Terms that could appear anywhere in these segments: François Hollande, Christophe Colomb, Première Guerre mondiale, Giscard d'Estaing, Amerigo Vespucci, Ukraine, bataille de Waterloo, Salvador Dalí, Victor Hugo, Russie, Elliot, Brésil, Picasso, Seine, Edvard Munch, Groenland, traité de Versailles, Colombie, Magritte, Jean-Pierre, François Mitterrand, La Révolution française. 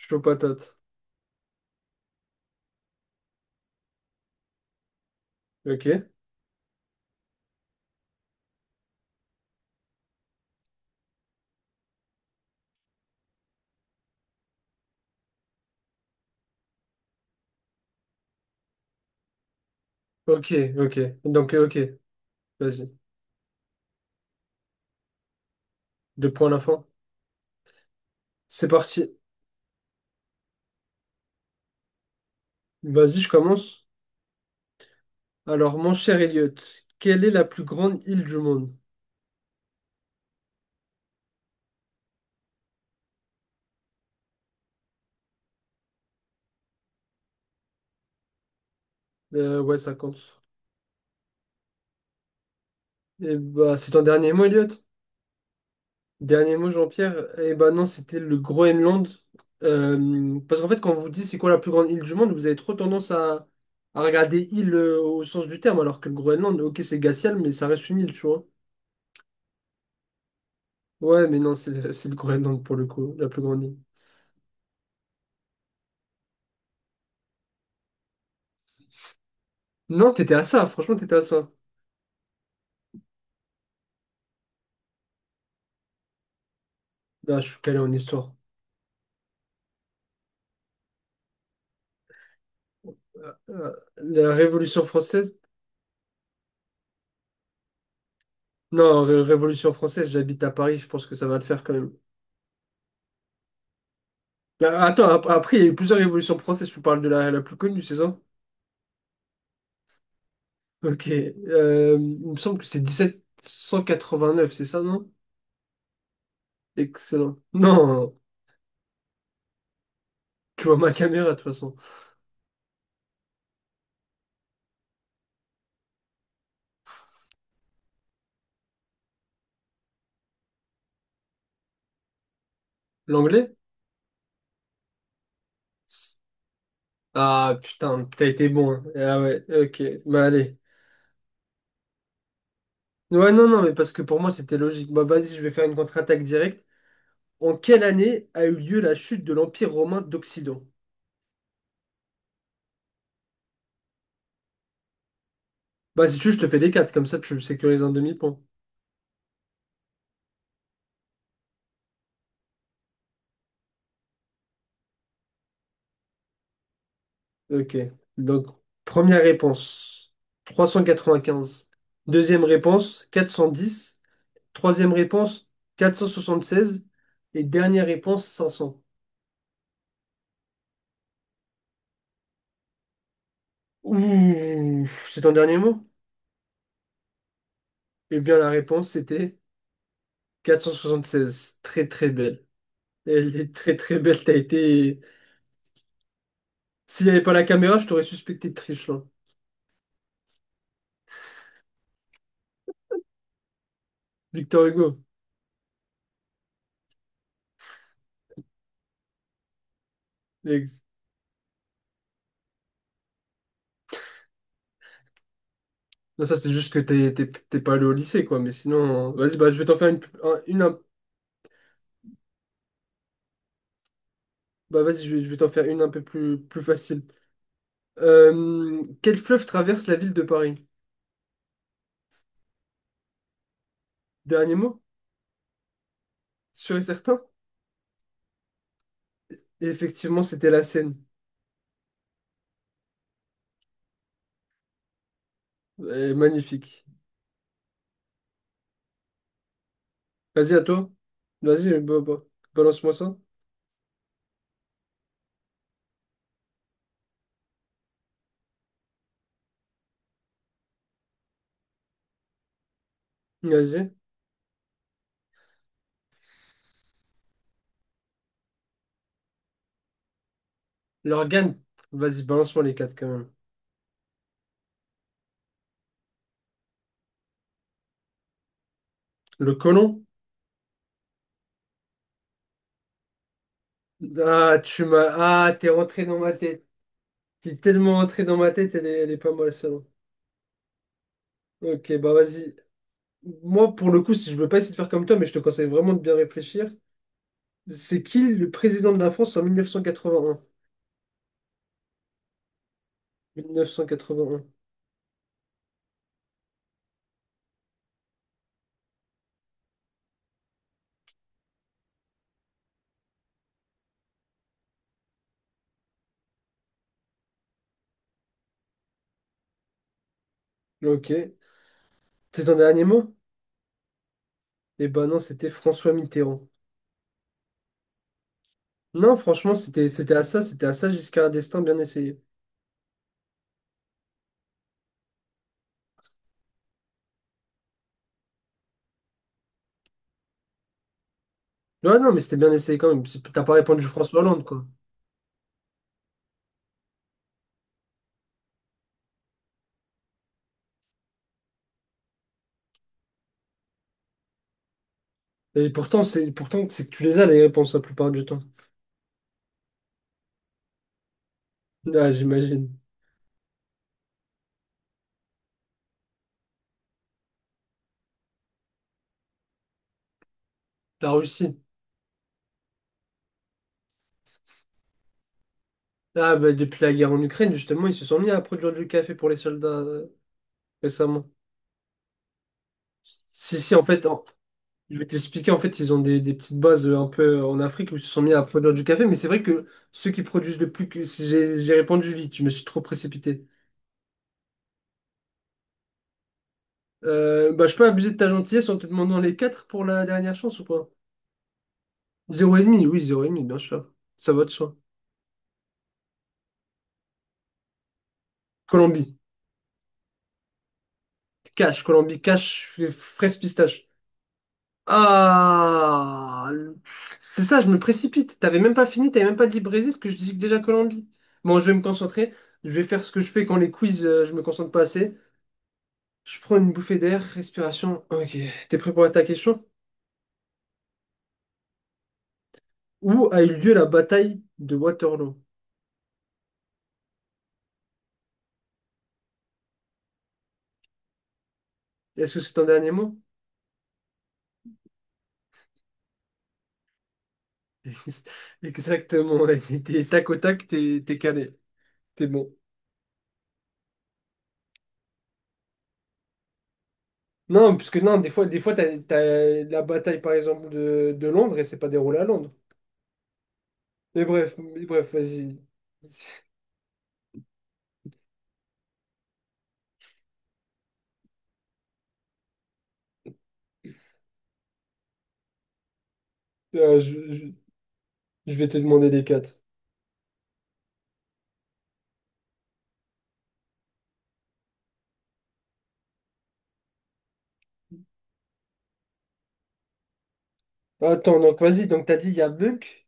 Chaud patate. Ok. Ok, ok. Donc, ok. Vas-y. Deux points à la fin. C'est parti. Vas-y, je commence. Alors, mon cher Elliot, quelle est la plus grande île du monde? Ouais, ça compte. Et bah, c'est ton dernier mot, Elliot? Dernier mot, Jean-Pierre? Eh bah non, c'était le Groenland. Parce qu'en fait, quand on vous dit c'est quoi la plus grande île du monde, vous avez trop tendance à regarder île, au sens du terme, alors que le Groenland, ok, c'est glacial, mais ça reste une île, tu vois. Ouais, mais non, c'est le Groenland pour le coup, la plus grande île. Non, t'étais à ça, franchement, t'étais à ça. Là, je suis calé en histoire. La Révolution française? Non, Révolution française, j'habite à Paris, je pense que ça va le faire quand même. Là, attends, après, il y a eu plusieurs révolutions françaises, tu parles de la plus connue, c'est ça? Ok. Il me semble que c'est 1789, c'est ça, non? Excellent. Non, tu vois ma caméra, de toute façon. L'anglais? Ah, putain, t'as été bon, hein. Ah ouais, ok, bah allez. Ouais, non, non, mais parce que pour moi, c'était logique. Bah, vas-y, je vais faire une contre-attaque directe. En quelle année a eu lieu la chute de l'Empire romain d'Occident? Bah, si tu veux, je te fais les quatre, comme ça tu sécurises un demi-point. Ok. Donc, première réponse, 395. Deuxième réponse, 410. Troisième réponse, 476. Et dernière réponse, 500. Ouh, c'est ton dernier mot? Eh bien, la réponse, c'était 476. Très, très belle. Elle est très, très belle. T'as été. S'il n'y avait pas la caméra, je t'aurais suspecté de triche, là. Victor Hugo. Non, ça, c'est juste que t'es pas allé au lycée, quoi. Mais sinon, vas-y, bah, je vais t'en faire bah, vas-y, je vais t'en faire une un peu plus facile. Quel fleuve traverse la ville de Paris? Dernier mot, sûr et certain? Et effectivement, c'était la Seine. Magnifique. Vas-y, à toi. Vas-y, balance-moi ça. Vas-y. L'organe. Vas-y, balance-moi les quatre, quand même. Le côlon? Ah, tu m'as. Ah, t'es rentré dans ma tête. T'es tellement rentré dans ma tête, elle est pas mal, celle-là. Ok, bah vas-y. Moi, pour le coup, si je veux pas essayer de faire comme toi, mais je te conseille vraiment de bien réfléchir, c'est qui le président de la France en mille neuf cent quatre-vingt-un? Mille neuf cent quatre-vingt un. Ok. C'est ton dernier mot? Eh ben non, c'était François Mitterrand. Non, franchement, c'était à ça, c'était à ça Giscard d'Estaing, bien essayé. Ouais, non, mais c'était bien essayé quand même. T'as pas répondu François Hollande, quoi. Et pourtant, c'est que tu les as les réponses la plupart du temps. Ah, j'imagine. La Russie. Ah, bah depuis la guerre en Ukraine, justement, ils se sont mis à produire du café pour les soldats, récemment. Si, si, en fait, je vais t'expliquer, en fait, ils ont des petites bases, un peu, en Afrique où ils se sont mis à produire du café, mais c'est vrai que ceux qui produisent le plus que, si j'ai répondu vite, je me suis trop précipité. Bah, je peux abuser de ta gentillesse en te demandant les 4 pour la dernière chance ou pas? Zéro et demi, oui, zéro et demi, bien sûr. Ça va de soi. Colombie, Colombie, cash, fraise pistache. Ah! C'est ça, je me précipite. T'avais même pas fini, t'avais même pas dit Brésil que je dis déjà Colombie. Bon, je vais me concentrer. Je vais faire ce que je fais quand les quiz, je me concentre pas assez. Je prends une bouffée d'air, respiration. Ok, t'es prêt pour ta question? Où a eu lieu la bataille de Waterloo? Est-ce que c'est ton dernier mot? Exactement, ouais. T'es tac au tac, t'es calé. T'es bon. Non, parce que non, des fois t'as la bataille, par exemple, de Londres et c'est pas déroulé à Londres. Mais bref, vas-y. Euh, je, je- je vais te demander les quatre. Attends, donc vas-y, donc t'as dit il y a Buck.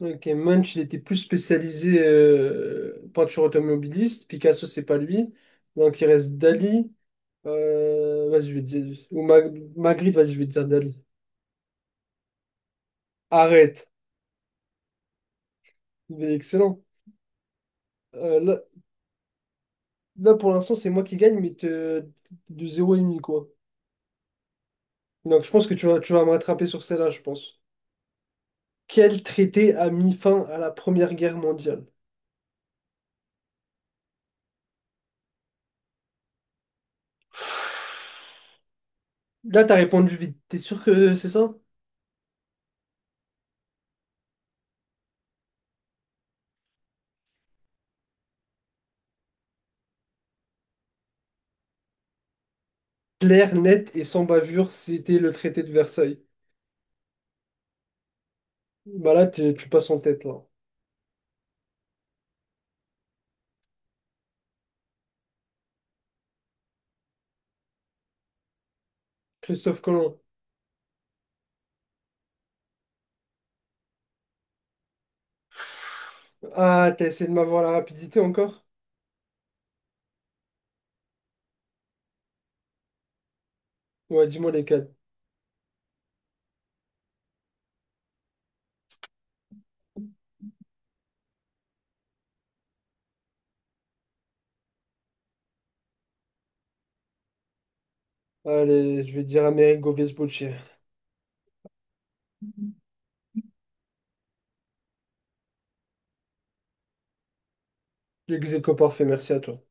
Ok, Munch, il était plus spécialisé, peinture automobiliste. Picasso, c'est pas lui. Donc, il reste Dali. Vas-y, je vais dire. Ou Magritte, vas-y, je vais dire Dali. Arrête. Il est excellent. Euh, là, là, pour l'instant, c'est moi qui gagne, mais de zéro et demi, quoi. Donc, je pense que tu vas me rattraper sur celle-là, je pense. Quel traité a mis fin à la Première Guerre mondiale? Là, t'as répondu vite. T'es sûr que c'est ça? Clair, net et sans bavure, c'était le traité de Versailles. Bah là, tu passes en tête, là. Christophe Colomb. Ah, t'as essayé de m'avoir la rapidité encore? Ouais, dis-moi lesquels. Allez, je vais dire Amerigo Vespucci. L'ex aequo parfait, merci à toi.